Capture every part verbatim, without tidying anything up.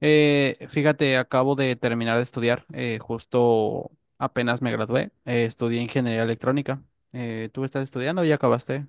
Eh, fíjate, acabo de terminar de estudiar, eh, justo apenas me gradué, eh, estudié ingeniería electrónica. Eh, ¿tú estás estudiando o ya acabaste?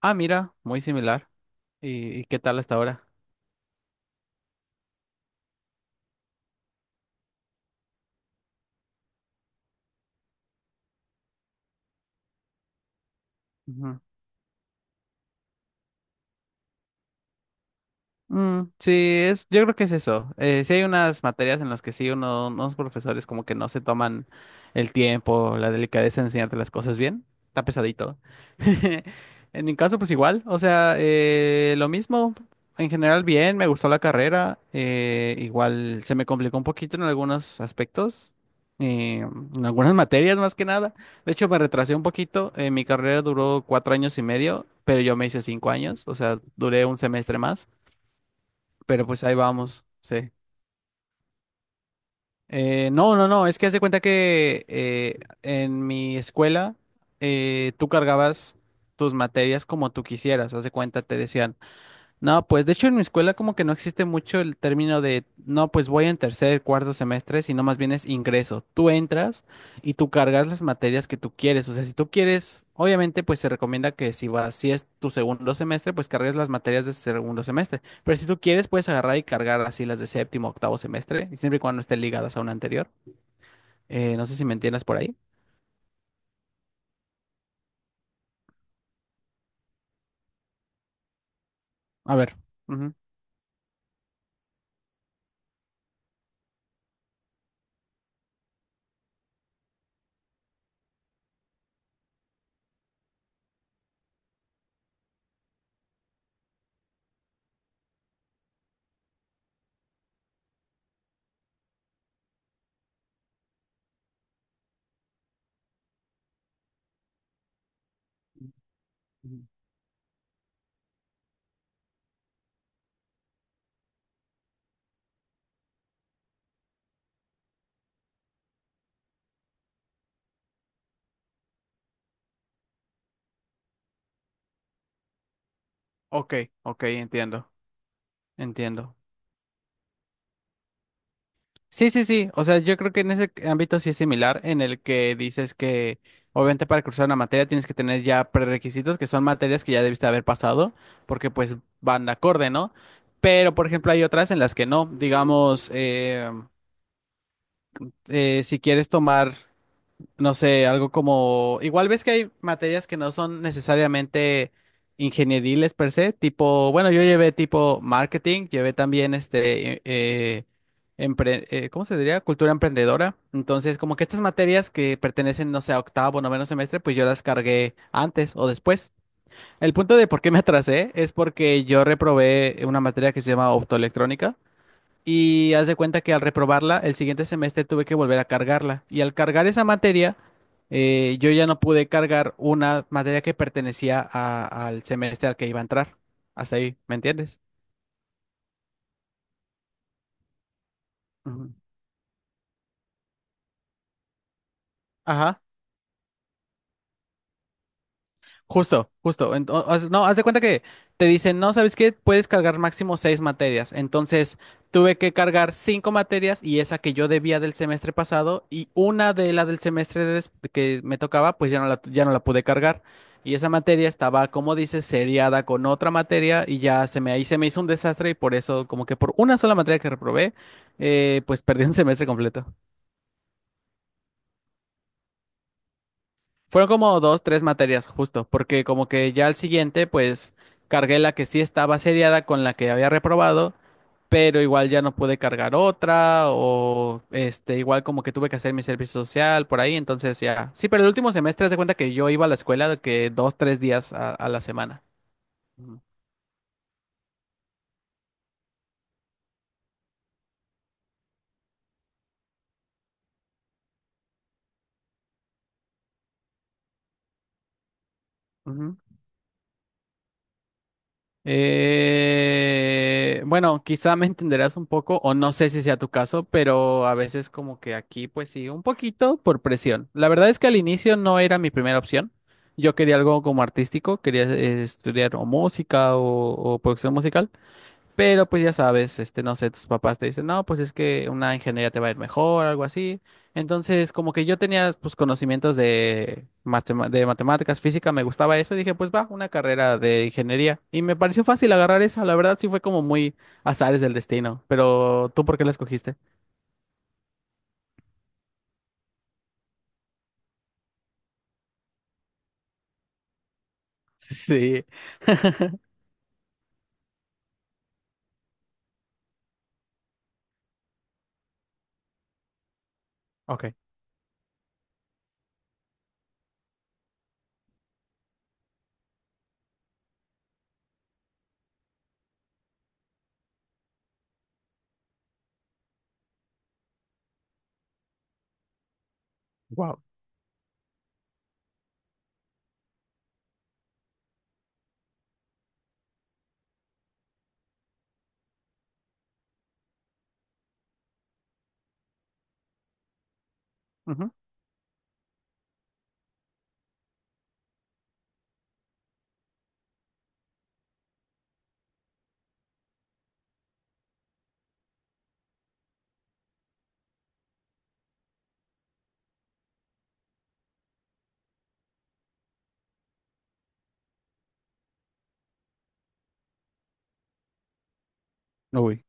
Ah, mira, muy similar. ¿Y, y qué tal hasta ahora? Mm, sí, es, yo creo que es eso. Eh, sí hay unas materias en las que sí uno, unos profesores como que no se toman el tiempo, la delicadeza de enseñarte las cosas bien. Está pesadito. En mi caso, pues igual. O sea, eh, lo mismo. En general, bien, me gustó la carrera. Eh, igual se me complicó un poquito en algunos aspectos. eh, en algunas materias más que nada. De hecho, me retrasé un poquito. Eh, mi carrera duró cuatro años y medio, pero yo me hice cinco años. O sea, duré un semestre más. Pero pues ahí vamos, sí. Eh, no, no, no, es que hace cuenta que eh, en mi escuela eh, tú cargabas tus materias como tú quisieras. Haz de cuenta, te decían. No, pues de hecho en mi escuela como que no existe mucho el término de, no, pues voy en tercer, cuarto semestre, sino más bien es ingreso. Tú entras y tú cargas las materias que tú quieres. O sea, si tú quieres, obviamente pues se recomienda que si vas, si es tu segundo semestre, pues cargues las materias de ese segundo semestre. Pero si tú quieres, puedes agarrar y cargar así las de séptimo, octavo semestre, y siempre y cuando estén ligadas a una anterior. Eh, no sé si me entiendas por ahí. A ver. Ujú. Ujú. Ok, ok, entiendo, entiendo. Sí, sí, sí. O sea, yo creo que en ese ámbito sí es similar, en el que dices que obviamente para cursar una materia tienes que tener ya prerequisitos, que son materias que ya debiste haber pasado, porque pues van de acorde, ¿no? Pero, por ejemplo, hay otras en las que no. Digamos, eh, eh, si quieres tomar no sé, algo como, igual ves que hay materias que no son necesariamente ingenieriles per se, tipo, bueno, yo llevé tipo marketing, llevé también este, eh, empre- eh, ¿cómo se diría? Cultura emprendedora. Entonces, como que estas materias que pertenecen, no sé, a octavo, noveno semestre, pues yo las cargué antes o después. El punto de por qué me atrasé es porque yo reprobé una materia que se llama optoelectrónica. Y haz de cuenta que al reprobarla, el siguiente semestre tuve que volver a cargarla. Y al cargar esa materia, eh, yo ya no pude cargar una materia que pertenecía a- al semestre al que iba a entrar. Hasta ahí, ¿me entiendes? Ujú. Ajá. Justo, justo. Ent- o- o- no, haz de cuenta que te dicen, no, ¿sabes qué? Puedes cargar máximo seis materias. Entonces, tuve que cargar cinco materias y esa que yo debía del semestre pasado y una de la del semestre de des- que me tocaba, pues ya no la, tu- ya no la pude cargar. Y esa materia estaba, como dices, seriada con otra materia y ya se me, ahí se me hizo un desastre y por eso, como que por una sola materia que reprobé, eh, pues perdí un semestre completo. Fueron como dos, tres materias justo, porque como que ya al siguiente, pues cargué la que sí estaba seriada con la que había reprobado, pero igual ya no pude cargar otra, o este, igual como que tuve que hacer mi servicio social por ahí, entonces ya. Sí, pero el último semestre, haz de cuenta que yo iba a la escuela de que dos, tres días a, a la semana. Ujú. Ujú. Eh, bueno, quizá me entenderás un poco, o no sé si sea tu caso, pero a veces como que aquí, pues sí, un poquito por presión. La verdad es que al inicio no era mi primera opción. Yo quería algo como artístico, quería eh, estudiar o música o, o producción musical. Pero pues ya sabes, este, no sé, tus papás te dicen, no, pues es que una ingeniería te va a ir mejor, algo así. Entonces, como que yo tenía, pues, conocimientos de, matema- de matemáticas, física, me gustaba eso, y dije, pues va, una carrera de ingeniería. Y me pareció fácil agarrar esa, la verdad sí fue como muy azares del destino. Pero, ¿tú por qué la escogiste? Sí. Ok. Wow. Ujú. Uy.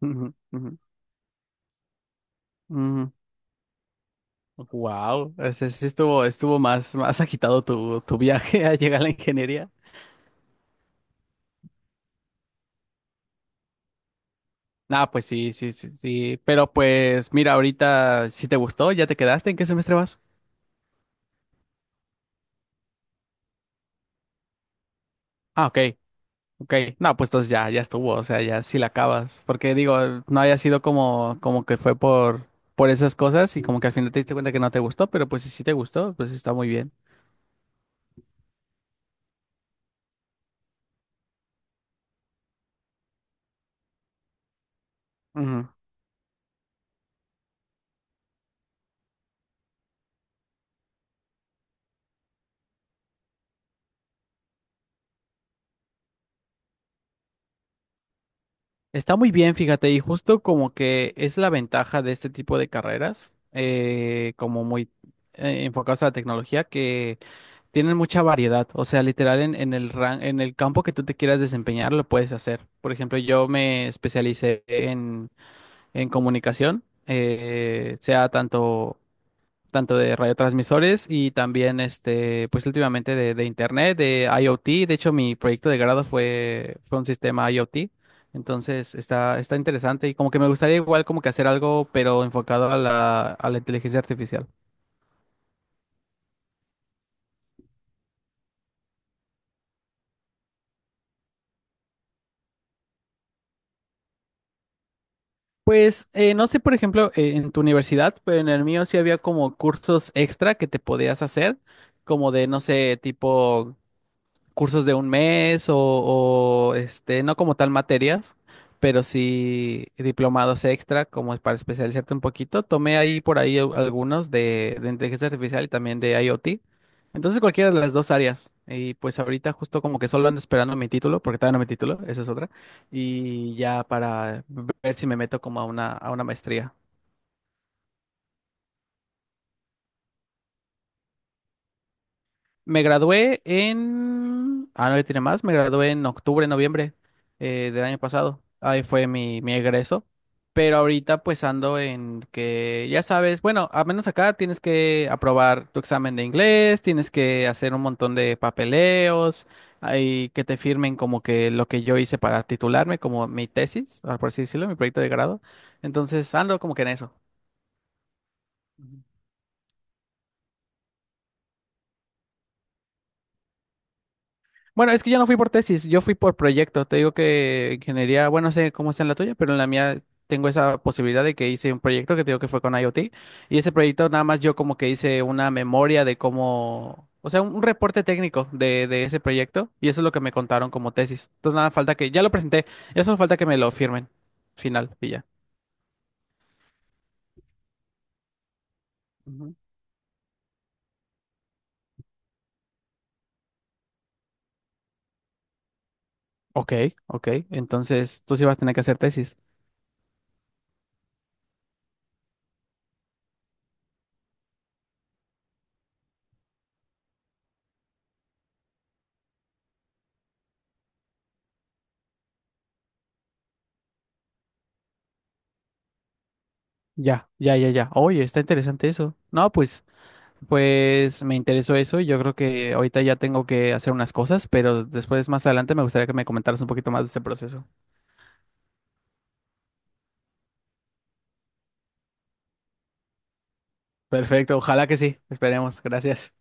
Ujú, ujú, ujú. Wow, ese sí estuvo, estuvo más, más agitado tu, tu viaje a llegar a la ingeniería. Ah, pues sí, sí, sí, sí. Pero pues mira, ahorita si te gustó, ya te quedaste, ¿en qué semestre vas? Ah, ok, ok. No, pues entonces ya, ya estuvo, o sea, ya sí la acabas. Porque digo, no haya sido como, como que fue por, por esas cosas y como que al final te diste cuenta que no te gustó, pero pues si sí te gustó, pues está muy bien. Ujú. Está muy bien, fíjate, y justo como que es la ventaja de este tipo de carreras, eh, como muy eh, enfocadas a la tecnología, que tienen mucha variedad. O sea, literal en, en el ran- en el campo que tú te quieras desempeñar, lo puedes hacer. Por ejemplo, yo me especialicé en, en comunicación, eh, sea tanto tanto de radiotransmisores y también, este, pues últimamente de, de internet, de I o T. De hecho, mi proyecto de grado fue, fue un sistema I o T. Entonces, está, está interesante y como que me gustaría igual como que hacer algo, pero enfocado a la, a la inteligencia artificial. Pues eh, no sé, por ejemplo, eh, en tu universidad, pero en el mío sí había como cursos extra que te podías hacer, como de, no sé, tipo cursos de un mes o, o, este, no como tal materias, pero sí diplomados extra como para especializarte un poquito. Tomé ahí por ahí al- algunos de, de inteligencia artificial y también de I o T. Entonces cualquiera de las dos áreas. Y pues ahorita justo como que solo ando esperando mi título, porque todavía no mi título, esa es otra. Y ya para ver si me meto como a una, a una maestría. Me gradué en... Ah, no, ya tiene más. Me gradué en octubre, noviembre eh, del año pasado. Ahí fue mi, mi egreso. Pero ahorita pues ando en que, ya sabes, bueno, a menos acá tienes que aprobar tu examen de inglés, tienes que hacer un montón de papeleos, hay que te firmen como que lo que yo hice para titularme, como mi tesis, ah, por así decirlo, mi proyecto de grado. Entonces ando como que en eso. Bueno, es que yo no fui por tesis, yo fui por proyecto. Te digo que ingeniería, bueno, no sé cómo está en la tuya, pero en la mía tengo esa posibilidad de que hice un proyecto que te digo que fue con I o T. Y ese proyecto nada más yo como que hice una memoria de cómo, o sea, un, un reporte técnico de, de ese proyecto. Y eso es lo que me contaron como tesis. Entonces nada, falta que, ya lo presenté, ya solo falta que me lo firmen. Final, y ya. Ujú. Ok, ok. Entonces tú sí vas a tener que hacer tesis. Ya, ya, ya, ya. Oye, está interesante eso. No, pues. Pues me interesó eso y yo creo que ahorita ya tengo que hacer unas cosas, pero después más adelante me gustaría que me comentaras un poquito más de ese proceso. Perfecto, ojalá que sí. Esperemos. Gracias.